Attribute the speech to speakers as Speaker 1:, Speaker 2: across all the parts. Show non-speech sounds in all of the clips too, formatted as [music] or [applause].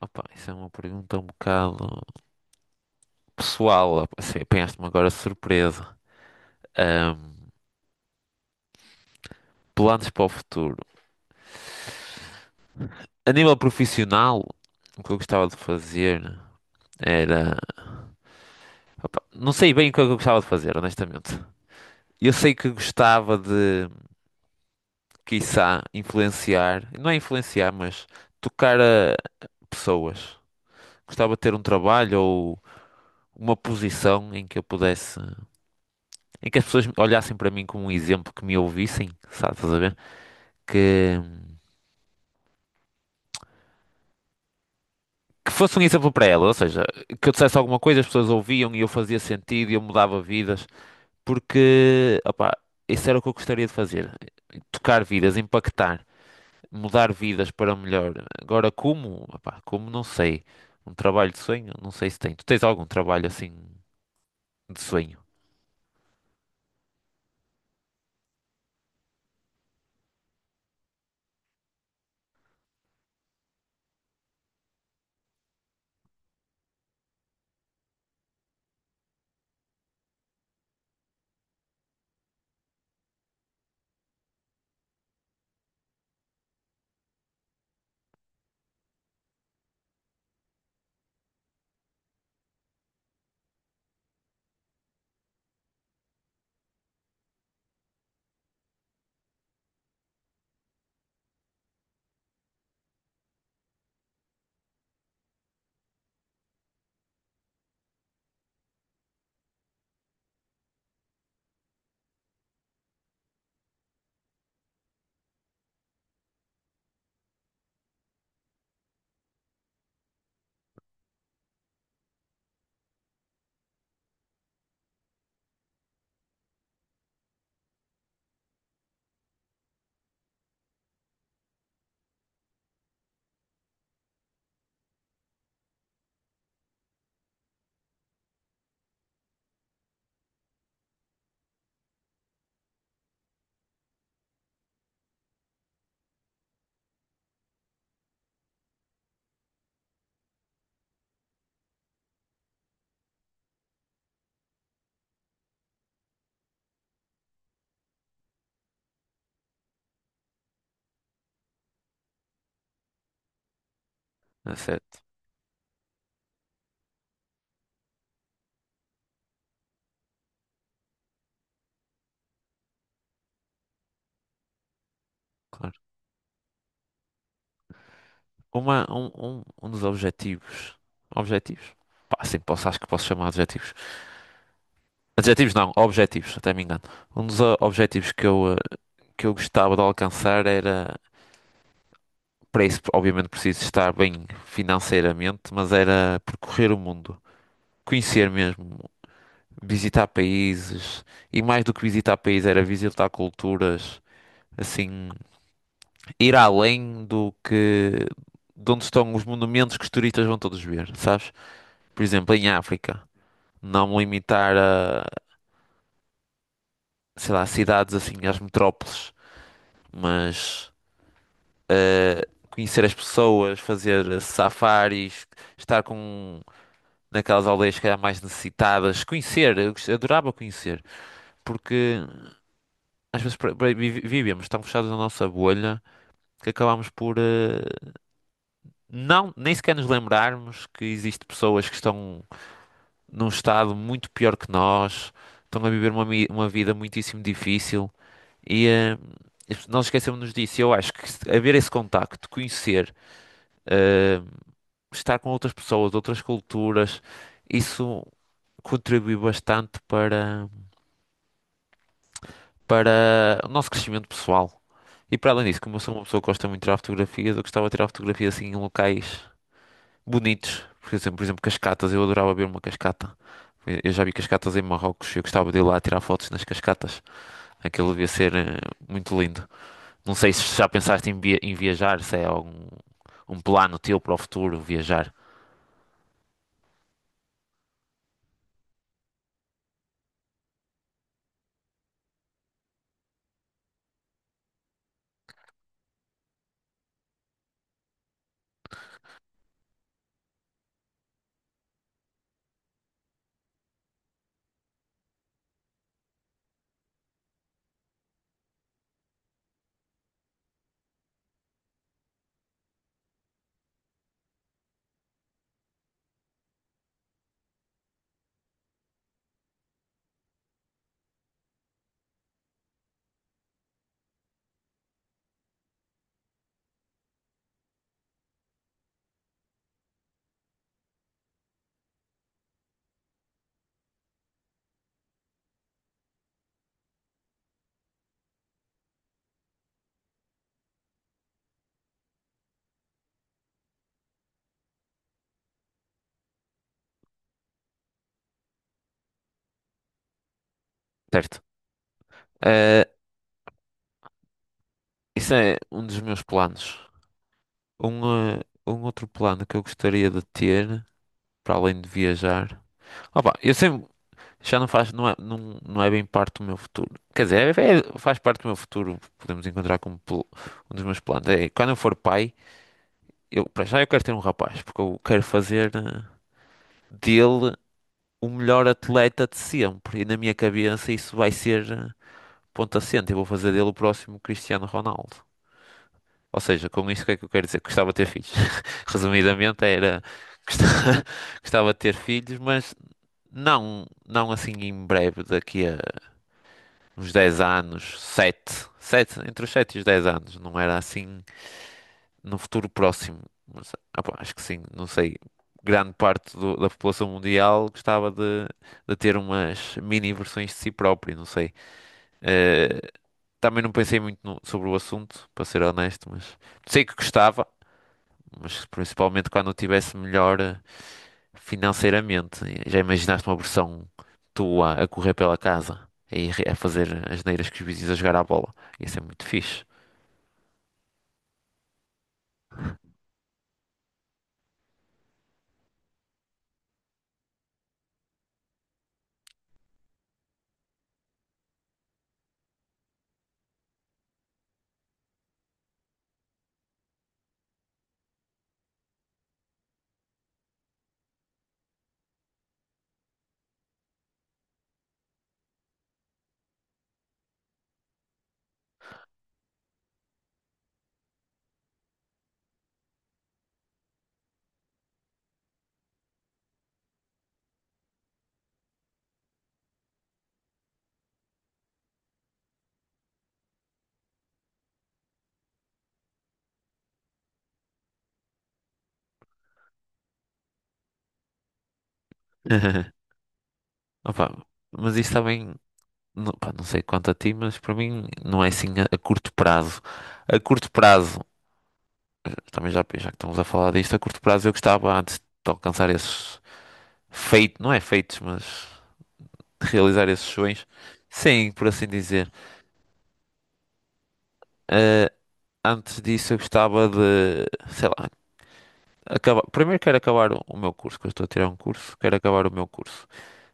Speaker 1: Opa, isso é uma pergunta um bocado pessoal. Assim, apanhaste-me agora de surpresa. Ahm, Planos para o futuro. A nível profissional, o que eu gostava de fazer era. Opa, não sei bem o que é que eu gostava de fazer, honestamente. Eu sei que gostava de, quiçá, influenciar. Não é influenciar, mas tocar a pessoas. Gostava de ter um trabalho ou uma posição em que eu pudesse. Em que as pessoas olhassem para mim como um exemplo, que me ouvissem, sabe, estás a ver? que, que fosse um exemplo para ela, ou seja, que eu dissesse alguma coisa, as pessoas ouviam e eu fazia sentido e eu mudava vidas, porque, opá, isso era o que eu gostaria de fazer, tocar vidas, impactar, mudar vidas para melhor. Agora, como, opá, como não sei, um trabalho de sonho, não sei se tem. Tu tens algum trabalho assim de sonho, é certo? Claro. Um dos objetivos, objetivos? Pá, sim, posso, acho que posso chamar de objetivos. Adjetivos não, objetivos, até me engano. Um dos objetivos que eu gostava de alcançar era, para isso, obviamente, preciso estar bem financeiramente, mas era percorrer o mundo, conhecer mesmo, visitar países, e mais do que visitar países, era visitar culturas, assim, ir além do que, de onde estão os monumentos que os turistas vão todos ver, sabes? Por exemplo, em África, não me limitar a, sei lá, cidades assim, às metrópoles, mas. eh, Conhecer as pessoas, fazer safaris, estar com naquelas aldeias que calhar mais necessitadas, conhecer, adorava conhecer, porque às vezes vivíamos tão fechados na nossa bolha que acabámos por não nem sequer nos lembrarmos que existem pessoas que estão num estado muito pior que nós, estão a viver uma vida muitíssimo difícil e nós esquecemos-nos disso. Eu acho que haver esse contacto, conhecer. eh, Estar com outras pessoas, outras culturas, isso contribui bastante para, para o nosso crescimento pessoal. E para além disso, como eu sou uma pessoa que gosta muito de tirar fotografias, eu gostava de tirar fotografias assim em locais bonitos. Por exemplo, cascatas, eu adorava ver uma cascata. Eu já vi cascatas em Marrocos, eu gostava de ir lá tirar fotos nas cascatas. Aquilo devia ser muito lindo. Não sei se já pensaste em viajar, se é algum um plano teu para o futuro, viajar. Certo. Eh, isso é um dos meus planos. Um, eh, um outro plano que eu gostaria de ter, para além de viajar. Opa, eu sempre. Já não faz. Não é, não, não é bem parte do meu futuro. Quer dizer, faz parte do meu futuro. Podemos encontrar como um dos meus planos. É, quando eu for pai, eu, para já eu quero ter um rapaz, porque eu quero fazer dele o melhor atleta de sempre. E na minha cabeça isso vai ser. Ponto assente, eu vou fazer dele o próximo Cristiano Ronaldo. Ou seja, com isso o que é que eu quero dizer? Gostava de ter filhos. [laughs] Resumidamente era gosta- [laughs] gostava de ter filhos, mas não, não assim em breve, daqui a uns 10 anos, sete, entre os 7 e os 10 anos, não era assim no futuro próximo. Mas, opa, acho que sim, não sei. Grande parte da população mundial gostava de ter umas mini versões de si próprio, não sei. Eh, Também não pensei muito sobre o assunto, para ser honesto, mas sei que gostava, mas principalmente quando eu tivesse melhor financeiramente. Já imaginaste uma versão tua a correr pela casa e a fazer as neiras que os vizinhos a jogar à bola? Ia ser muito fixe. [laughs] Opa, mas isso também, não, pá, não sei quanto a ti, mas para mim não é assim a curto prazo. A curto prazo, também já, já que estamos a falar disto, a curto prazo eu gostava antes de alcançar esses feitos, não é feitos, mas realizar esses sonhos. Sim, por assim dizer. Eh, Antes disso, eu gostava de, sei lá, acabar. Primeiro quero acabar o meu curso, que eu estou a tirar um curso, quero acabar o meu curso.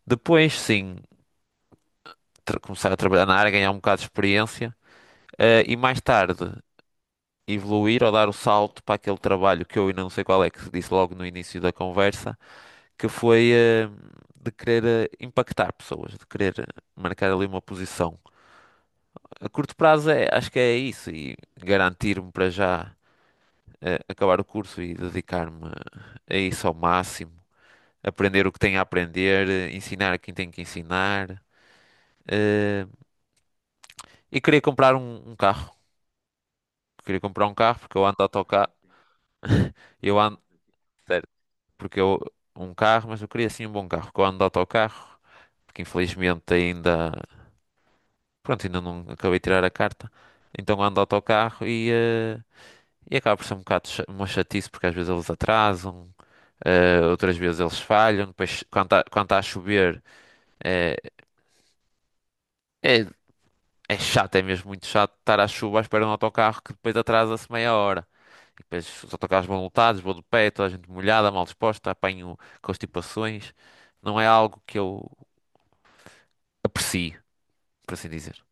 Speaker 1: Depois, sim, começar a trabalhar na área, ganhar um bocado de experiência, e mais tarde evoluir ou dar o salto para aquele trabalho que eu ainda não sei qual é, que disse logo no início da conversa, que foi, de querer impactar pessoas, de querer marcar ali uma posição. A curto prazo é, acho que é isso e garantir-me para já acabar o curso e dedicar-me a isso ao máximo, aprender o que tenho a aprender, ensinar a quem tenho que ensinar eh, e queria comprar um carro. Queria comprar um carro porque eu ando de autocarro. [laughs] Eu ando, sério, porque eu um carro, mas eu queria assim um bom carro, porque eu ando de autocarro, porque infelizmente ainda, pronto, ainda não acabei de tirar a carta. Então ando de autocarro E acaba por ser um bocado uma chatice porque às vezes eles atrasam, outras vezes eles falham. Depois, quando tá a chover, eh, é, é chato, é mesmo muito chato estar à chuva à espera de um autocarro que depois atrasa-se meia hora. E depois os autocarros vão lotados, vou de pé, toda a gente molhada, mal disposta, apanho constipações. Não é algo que eu aprecio, por assim dizer.